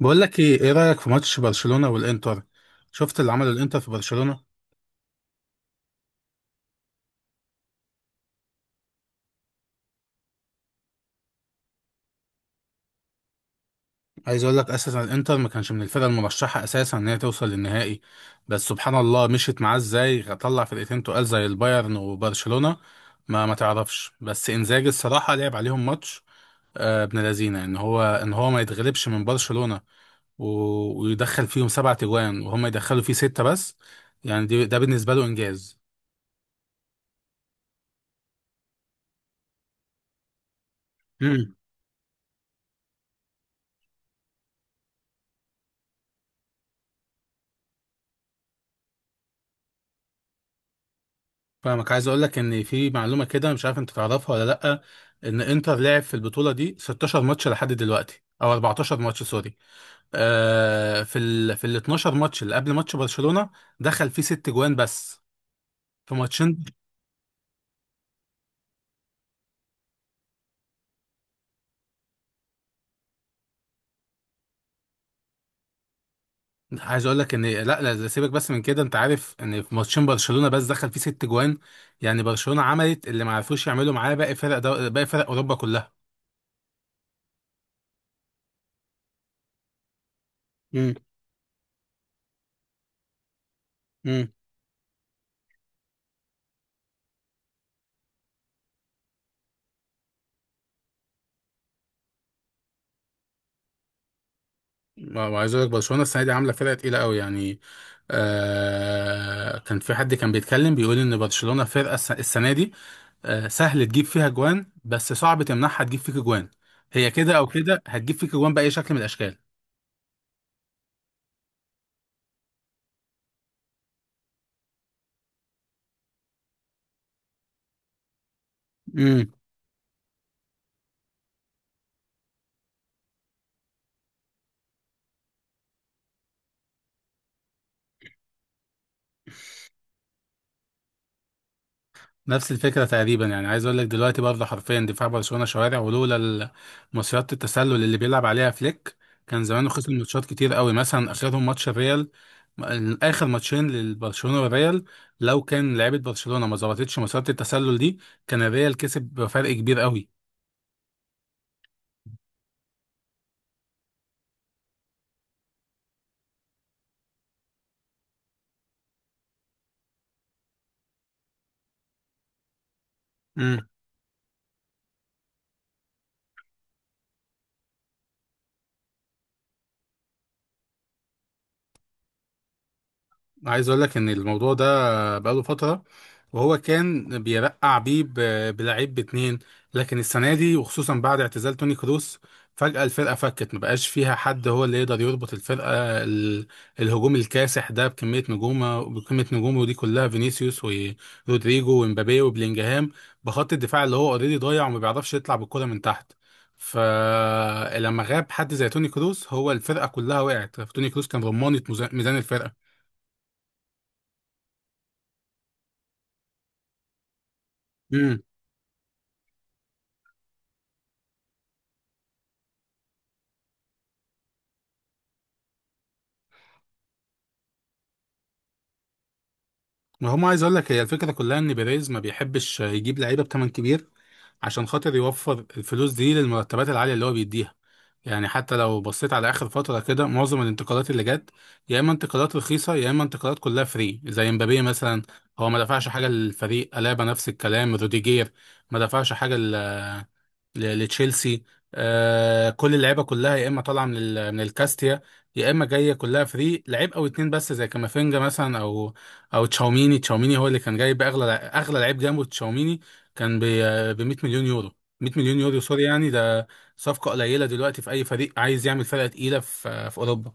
بقول لك ايه رايك في ماتش برشلونه والانتر؟ شفت اللي عمله الانتر في برشلونه؟ عايز اقول لك اساسا الانتر ما كانش من الفرق المرشحه اساسا ان هي توصل للنهائي. بس سبحان الله، مشيت معاه ازاي طلع فرقتين تقال زي البايرن وبرشلونه. ما تعرفش، بس انزاجي الصراحه لعب عليهم ماتش. ابن لذينه ان هو ما يتغلبش من برشلونه ويدخل فيهم سبعة تجوان وهم يدخلوا فيه ستة بس. يعني ده بالنسبه له انجاز. فاهمك، عايز اقول لك ان في معلومه كده مش عارف انت تعرفها ولا لا. ان انتر لعب في البطوله دي 16 ماتش لحد دلوقتي، او 14 ماتش سوري. في ال 12 ماتش اللي قبل ماتش برشلونه دخل فيه ست جوان بس، في ماتشين. عايز اقول لك ان لا لا لا، سيبك بس من كده، انت عارف ان في ماتشين برشلونه بس دخل فيه ست جوان. يعني برشلونه عملت اللي ما عرفوش يعملوا معاه باقي فرق اوروبا كلها. امم. ما عايز اقول لك برشلونه السنه دي عامله فرقه تقيله قوي يعني. كان في حد كان بيتكلم بيقول ان برشلونه فرقه السنه دي سهل تجيب فيها جوان بس صعب تمنعها تجيب فيك جوان. هي كده او كده هتجيب فيك جوان باي شكل من الاشكال. نفس الفكرة تقريبا، يعني عايز اقول لك دلوقتي برضه حرفيا دفاع برشلونة شوارع، ولولا مصيدة التسلل اللي بيلعب عليها فليك، كان زمانه خسر ماتشات كتير قوي، مثلا اخرهم ماتش الريال. اخر ماتشين للبرشلونة والريال، لو كان لعيبة برشلونة ما ظبطتش مصيدة التسلل دي، كان الريال كسب بفرق كبير قوي. عايز اقول لك ان الموضوع ده بقاله فتره، وهو كان بيرقع بيه بلعيب باتنين. لكن السنه دي، وخصوصا بعد اعتزال توني كروس، فجاه الفرقه فكت، ما بقاش فيها حد هو اللي يقدر يربط الفرقه. ال- الهجوم الكاسح ده بكميه نجومه دي كلها، فينيسيوس ورودريجو ومبابي وبلينجهام، بخط الدفاع اللي هو اوريدي ضايع وما بيعرفش يطلع بالكره من تحت. فلما غاب حد زي توني كروس، هو الفرقه كلها وقعت. توني كروس كان رمانه ميزان الفرقه. ما هم، عايز اقول لك هي الفكره كلها ان بيريز ما بيحبش يجيب لعيبه بثمن كبير عشان خاطر يوفر الفلوس دي للمرتبات العاليه اللي هو بيديها. يعني حتى لو بصيت على اخر فتره كده، معظم الانتقالات اللي جت، يا اما انتقالات رخيصه يا اما انتقالات كلها فري، زي مبابي مثلا هو ما دفعش حاجه للفريق، الابا نفس الكلام، روديجير ما دفعش حاجه لتشيلسي. كل اللعيبه كلها يا اما طالعه من الكاستيا، يا اما جايه كلها فري، لعيب او اتنين بس زي كامافينجا مثلا، او تشاوميني. تشاوميني هو اللي كان جايب اغلى اغلى لعيب جنبه. تشاوميني كان ب 100 مليون يورو. 100 مليون يورو سوري، يعني ده صفقه قليله دلوقتي في اي فريق عايز يعمل فرقه تقيله في اوروبا.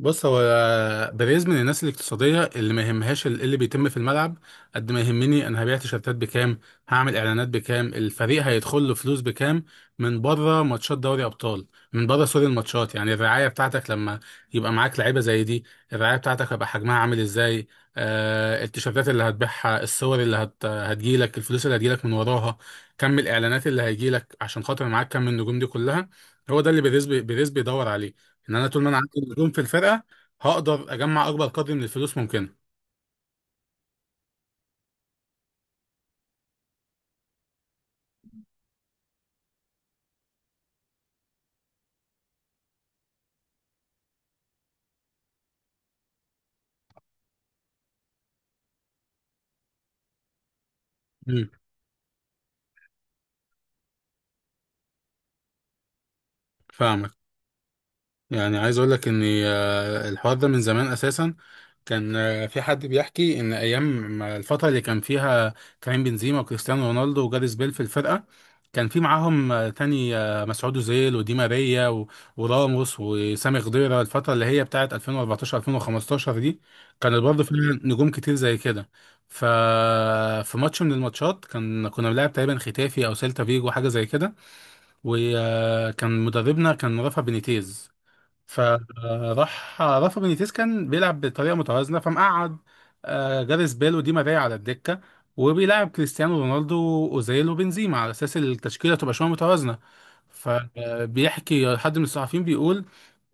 بص، هو بيريز من الناس الاقتصادية اللي ما يهمهاش إيه اللي بيتم في الملعب، قد ما يهمني أنا هبيع تيشيرتات بكام، هعمل إعلانات بكام، الفريق هيدخل له فلوس بكام من بره ماتشات دوري أبطال، من بره سوري الماتشات يعني، الرعاية بتاعتك لما يبقى معاك لعيبة زي دي الرعاية بتاعتك هيبقى حجمها عامل إزاي؟ التيشيرتات اللي هتبيعها، الصور اللي هتجيلك، الفلوس اللي هتجيلك من وراها، كم الإعلانات اللي هيجيلك عشان خاطر معاك كم النجوم دي كلها. هو ده اللي بيريز بيدور عليه، ان انا طول ما انا عندي نجوم في الفرقه هقدر اجمع اكبر قدر من الفلوس ممكنه. امم، فاهمك. يعني عايز اقول لك ان الحوار ده من زمان اساسا. كان في حد بيحكي ان ايام ما الفتره اللي كان فيها كريم بنزيما وكريستيانو رونالدو وجاريث بيل في الفرقه، كان في معاهم تاني مسعود اوزيل ودي ماريا وراموس وسامي خضيره، الفتره اللي هي بتاعت 2014 2015 دي كانت برضه فيها نجوم كتير زي كده. ف في ماتش من الماتشات كنا بنلعب تقريبا ختافي او سيلتا فيجو حاجه زي كده، وكان مدربنا كان رافا بينيتيز. فراح رافا بينيتيز كان بيلعب بطريقه متوازنه، فمقعد جاريث بيل ودي ماريا على الدكه وبيلعب كريستيانو رونالدو واوزيل وبنزيما على اساس التشكيله تبقى شويه متوازنه. فبيحكي حد من الصحفيين بيقول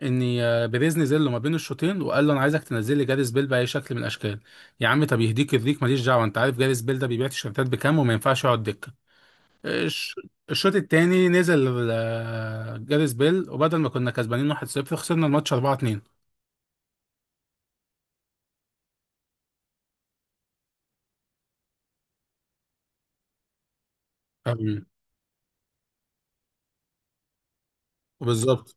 ان بيريز نزل له ما بين الشوطين وقال له انا عايزك تنزل لي جاريث بيل باي شكل من الاشكال. يا عم طب يهديك يرضيك، ماليش دعوه، انت عارف جاريث بيل ده بيبيع تيشيرتات بكام، وما ينفعش يقعد دكه. الش- الشوط التاني نزل جاريث بيل، وبدل ما كنا كسبانين 1-0، خسرنا الماتش 4-2. أمم، بالظبط.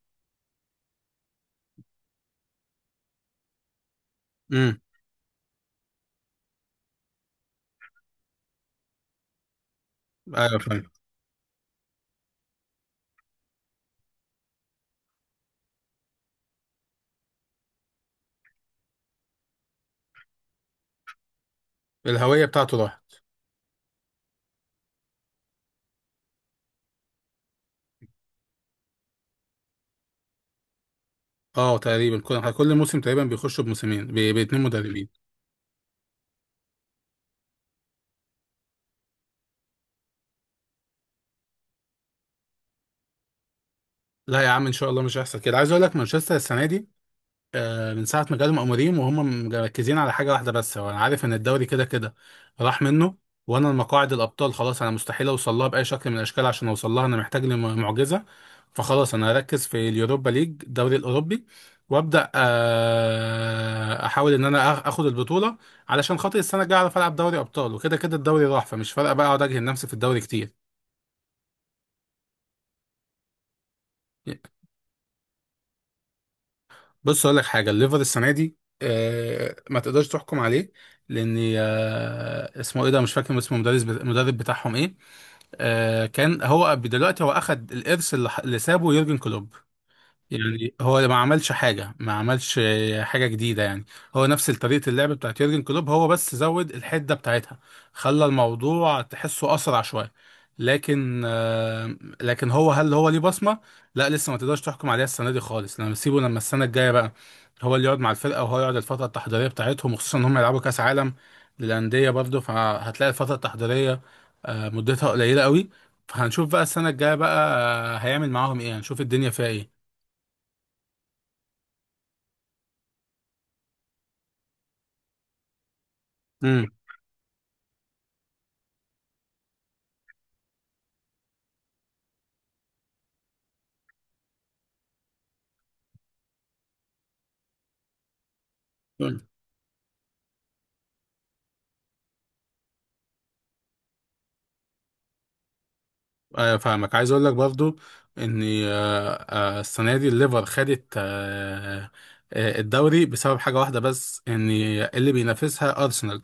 امم، ايوه فاهم. الهوية بتاعته راحت. اه، تقريبا كل موسم تقريبا بيخشوا بموسمين باتنين مدربين. لا يا عم، ان شاء الله مش هيحصل كده. عايز اقول لك مانشستر السنة دي من ساعة ما جالهم أموريم وهم مركزين على حاجة واحدة بس، هو أنا عارف إن الدوري كده كده راح منه، وأنا المقاعد الأبطال خلاص أنا مستحيل أوصل لها بأي شكل من الأشكال، عشان أوصل لها أنا محتاج لي معجزة، فخلاص أنا هركز في اليوروبا ليج الدوري الأوروبي، وأبدأ أحاول إن أنا آخد البطولة، علشان خاطر السنة الجاية أعرف ألعب دوري أبطال، وكده كده الدوري راح فمش فارقة بقى أقعد أجهد نفسي في الدوري كتير. بص اقول لك حاجه، الليفر السنه دي ما تقدرش تحكم عليه، لان اسمه ايه ده مش فاكر اسمه، المدرب بتاعهم ايه. كان هو دلوقتي هو اخد الارث اللي سابه يورجن كلوب. يعني هو ما عملش حاجة جديدة يعني، هو نفس طريقة اللعب بتاعت يورجن كلوب، هو بس زود الحدة بتاعتها، خلى الموضوع تحسه أسرع شوية. لكن هل هو ليه بصمة؟ لا لسه ما تقدرش تحكم عليها السنة دي خالص، لما السنة الجاية بقى هو اللي يقعد مع الفرقة وهو يقعد الفترة التحضيرية بتاعتهم، وخصوصا إن هم يلعبوا كأس عالم للأندية برضه، فهتلاقي الفترة التحضيرية مدتها قليلة قوي. فهنشوف بقى السنة الجاية بقى هيعمل معاهم إيه، هنشوف الدنيا فيها إيه. قول. ايوه فاهمك، عايز اقول لك برضو ان السنه دي الليفر خدت الدوري بسبب حاجه واحده بس، ان اللي بينافسها ارسنال.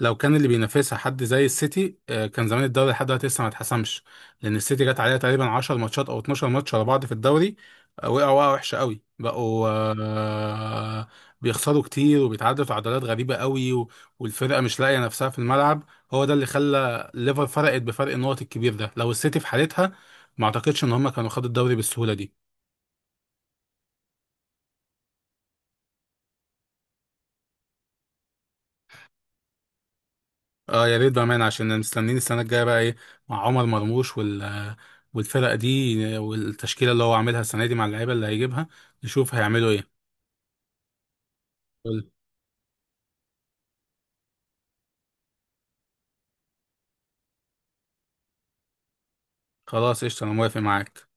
لو كان اللي بينافسها حد زي السيتي كان زمان الدوري لحد دلوقتي لسه ما اتحسمش. لان السيتي جت عليها تقريبا 10 ماتشات او 12 ماتش ورا بعض في الدوري، وقعوا وقعه وحشه قوي، بقوا بيخسروا كتير وبيتعادلوا تعادلات غريبه قوي والفرقه مش لاقيه نفسها في الملعب. هو ده اللي خلى ليفر فرقت بفرق النقط الكبير ده، لو السيتي في حالتها ما اعتقدش ان هم كانوا خدوا الدوري بالسهوله دي. اه يا ريت بامانه، عشان مستنيين السنه الجايه بقى ايه مع عمر مرموش والفرقه دي والتشكيله اللي هو عاملها السنه دي، مع اللعيبه اللي هيجيبها نشوف هيعملوا ايه. خلاص قشطه انا موافق معاك.